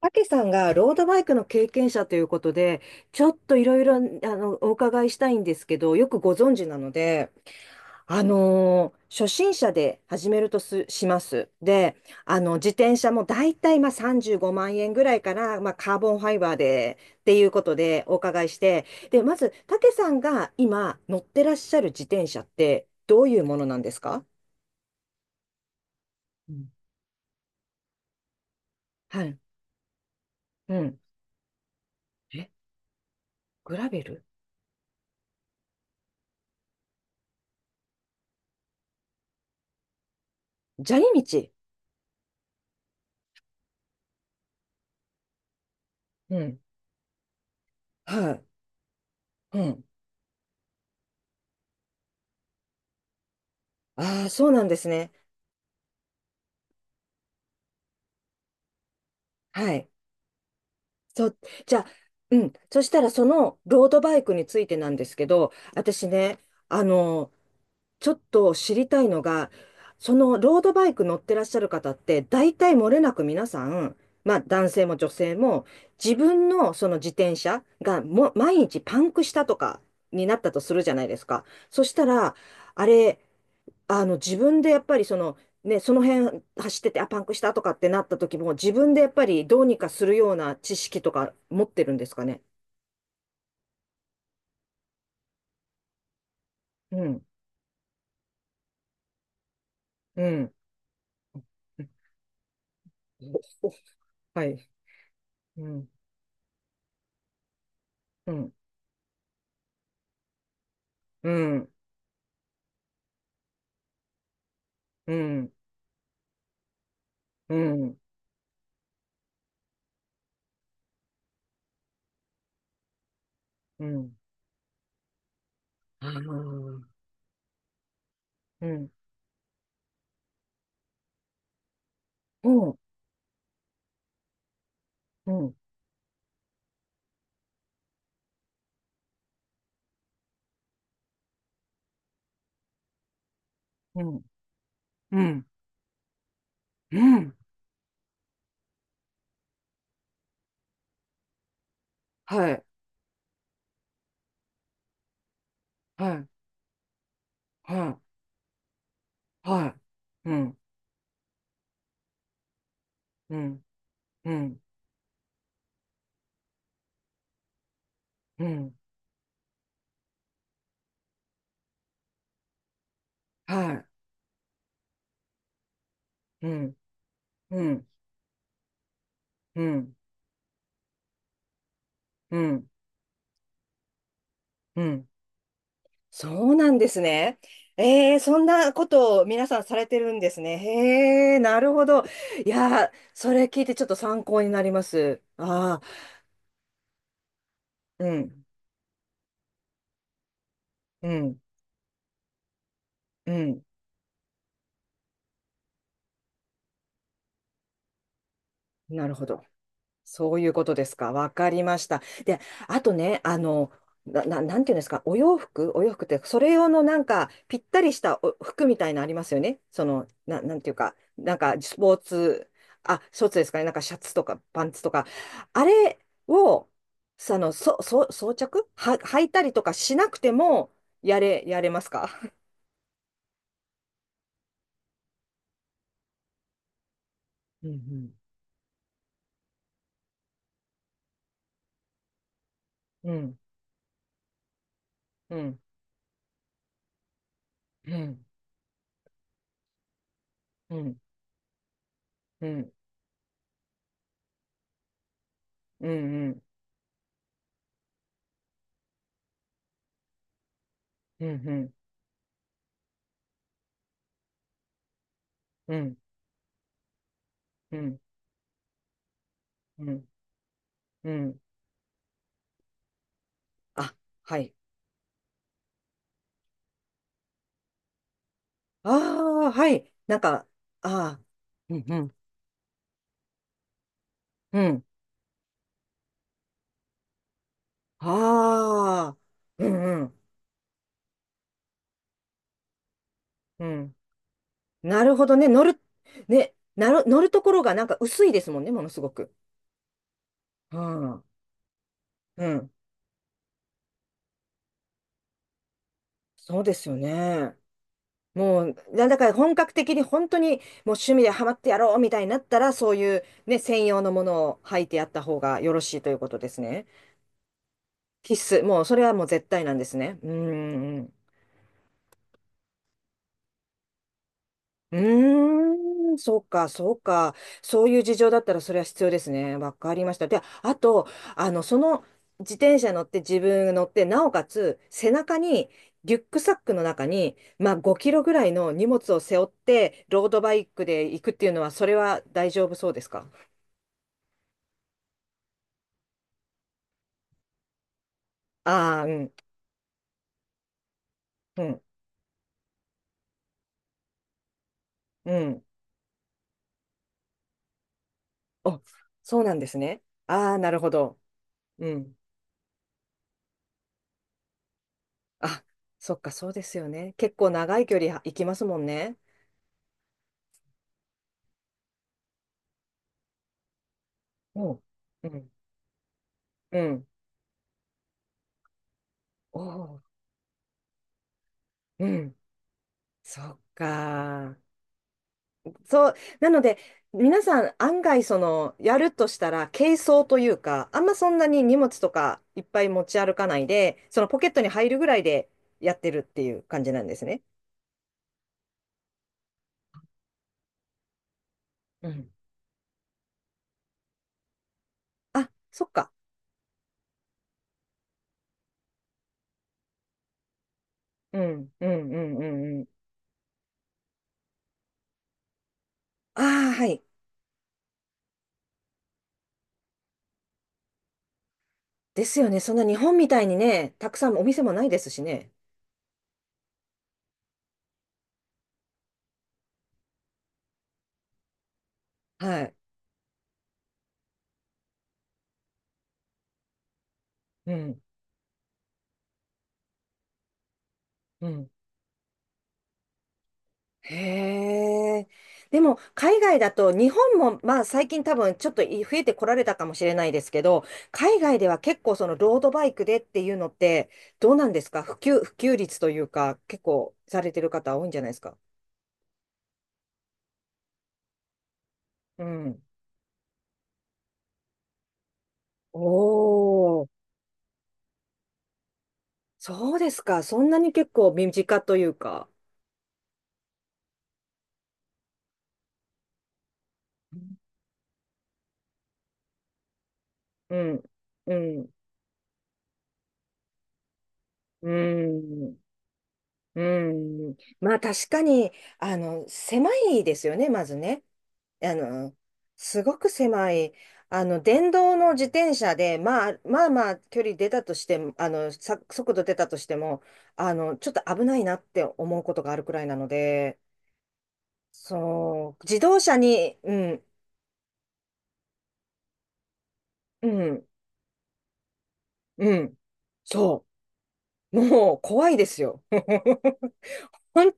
たけさんがロードバイクの経験者ということで、ちょっといろいろお伺いしたいんですけど、よくご存知なので、初心者で始めるとします。で、自転車もだいたいまあ35万円ぐらいから、まあ、カーボンファイバーでっていうことでお伺いして、で、まず、たけさんが今乗ってらっしゃる自転車ってどういうものなんですか？うん、はい。うん。え、グラベル。砂利道。うん。はい。うん。ああ、そうなんですね。はい。そう、じゃあ、うん。そしたら、そのロードバイクについてなんですけど、私ね、あの、ちょっと知りたいのが、そのロードバイク乗ってらっしゃる方って、大体漏れなく皆さん、まあ男性も女性も、自分のその自転車がもう毎日パンクしたとかになったとするじゃないですか。そしたら、あれ、自分でやっぱりその、ね、その辺走ってて、あ、パンクしたとかってなった時も、自分でやっぱりどうにかするような知識とか持ってるんですかね？うん、うん。おお。 はい。うん、うん、うん、うん、うん、うん。ああ、うん、うん、うん、うん、うん、うん、うん、はい、はい、はい、はい、うん、うん、うん、うん、はい、うん、うん、うん、うん、うん、そうなんですね。えー、そんなことを皆さんされてるんですね。へえ、なるほど。いやー、それ聞いてちょっと参考になります。ああ、うん、うん、うん。なるほど。そういうことですか。わかりました。で、あとね、なんていうんですか、お洋服、お洋服ってそれ用のなんかぴったりした服みたいなありますよね。そのなんていうか、なんかスポーツ。あ、スポーツですかね。なんかシャツとかパンツとかあれを、その装着は履いたりとかしなくてもやれますか？うん、うん、うん、うん、うん、うん、うん、うん、うん、うん、うん、うん、うん。あ、はい。ああ、はい。なんか、ああ、うん、うん、うん。ああ、うん、うん、うん。なるほどね。ね、乗るところがなんか薄いですもんね、ものすごく。うん、うん。そうですよね。もう、だから本格的に本当にもう趣味でハマってやろうみたいになったら、そういうね、専用のものを履いてやった方がよろしいということですね。必須。もう、それはもう絶対なんですね。うん、うん、うん。うーん、そうか、そうか。そういう事情だったらそれは必要ですね。わかりました。で、あと、その自転車乗って自分乗って、なおかつ背中にリュックサックの中に、まあ、5キロぐらいの荷物を背負ってロードバイクで行くっていうのは、それは大丈夫そうですか？ああー、うん、うん、うん。お、そうなんですね。ああ、なるほど。うん。あ、そっか、そうですよね。結構長い距離行きますもんね。うん。うん。うん。おー。うん、そっか。そう、なので、皆さん案外その、やるとしたら、軽装というか、あんまそんなに荷物とかいっぱい持ち歩かないで、そのポケットに入るぐらいでやってるっていう感じなんですね。うん。あ、そっか。うん、うん、うん、うん、うん。ああ、はい。ですよね。そんな日本みたいにね、たくさんお店もないですしね。はい。うん、うん。へえ。でも、海外だと、日本も、まあ、最近多分、ちょっと増えてこられたかもしれないですけど、海外では結構、その、ロードバイクでっていうのって、どうなんですか、普及率というか、結構、されてる方多いんじゃないですか？うん。おー、そうですか。そんなに結構、身近というか。うん、うん、うん、うん。まあ確かに、狭いですよね、まずね。あの、すごく狭い、電動の自転車で、まあ、まあまあ、距離出たとしても、速度出たとしても、ちょっと危ないなって思うことがあるくらいなので、そう、自動車に、うん、うん、うん、そう、もう怖いですよ。本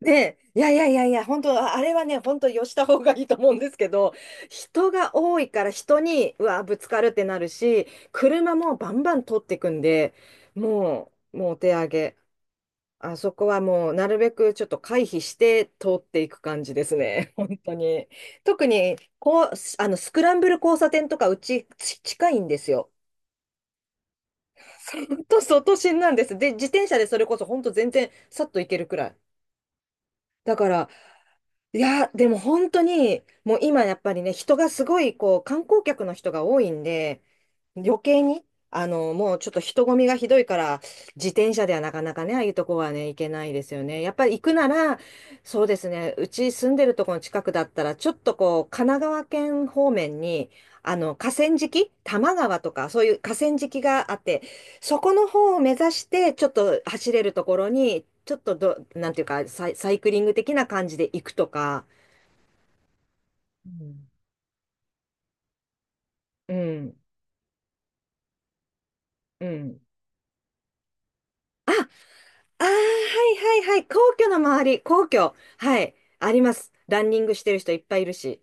ねえ、いやいやいやいや、本当、あれはね、本当、よした方がいいと思うんですけど、人が多いから人に、うわ、ぶつかるってなるし、車もバンバン通っていくんで、もう、もうお手上げ。あそこはもう、なるべくちょっと回避して通っていく感じですね、本当に。特に、こう、スクランブル交差点とか、うち、近いんですよ。本当、外心なんです。で、自転車でそれこそ、本当、全然、さっと行けるくらい。だから、いや、でも本当に、もう今やっぱりね、人がすごい、こう、観光客の人が多いんで、余計に、もうちょっと人混みがひどいから、自転車ではなかなかね、ああいうとこはね、行けないですよね。やっぱり行くなら、そうですね、うち住んでるとこの近くだったら、ちょっとこう、神奈川県方面に、河川敷、多摩川とか、そういう河川敷があって、そこの方を目指して、ちょっと走れるところに、ちょっとなんていうか、サイクリング的な感じで行くとか、うん、うん、うん。あ、はい、はい、はい、皇居の周り、皇居、はい、あります。ランニングしてる人いっぱいいるし。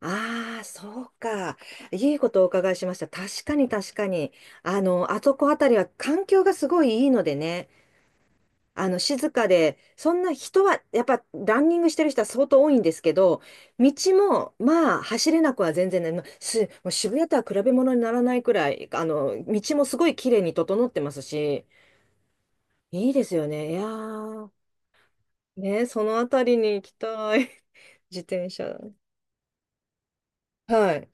ああ、そうか。いいことをお伺いしました。確かに、確かに。あそこあたりは環境がすごいいいのでね。静かで、そんな人は、やっぱランニングしてる人は相当多いんですけど、道も、まあ、走れなくは全然ない。まあす、もう渋谷とは比べ物にならないくらい、道もすごい綺麗に整ってますし、いいですよね。いやー、ね、そのあたりに行きたい。自転車。はい。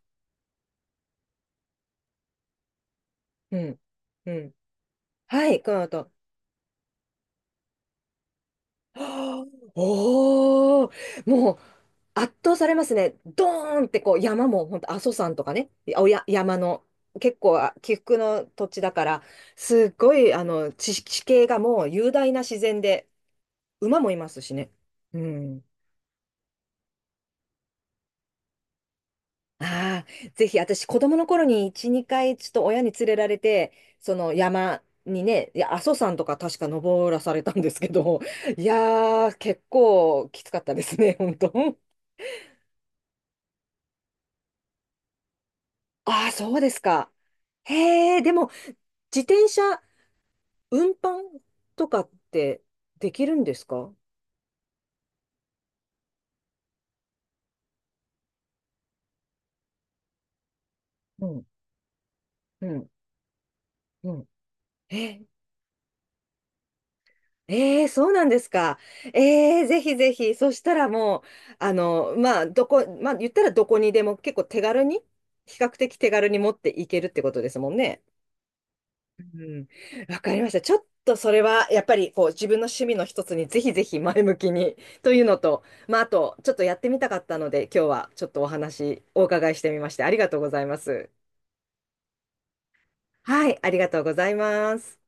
うん。うん。はい、この後。はあ、おー、もう、圧倒されますね。ドーンってこう山も本当阿蘇山とかね、おや山の結構起伏の土地だから、すっごい地形がもう雄大な自然で、馬もいますしね。うん。ああ、ぜひ私子供の頃に1、2回ちょっと親に連れられて、その山にね、いや阿蘇山とか確か登らされたんですけど、いやー、結構きつかったですね、本当。ああ、そうですか。へえ、でも自転車運搬とかってできるんですか？うん、うん、うん。え、えー、そうなんですか。えー、ぜひぜひ。そしたらもう、まあ、まあ、言ったらどこにでも結構手軽に、比較的手軽に持っていけるってことですもんね。うん。わかりました。ちょっとそれは、やっぱり、こう、自分の趣味の一つにぜひぜひ前向きに、というのと、まあ、あと、ちょっとやってみたかったので、今日はちょっとお伺いしてみまして、ありがとうございます。はい、ありがとうございます。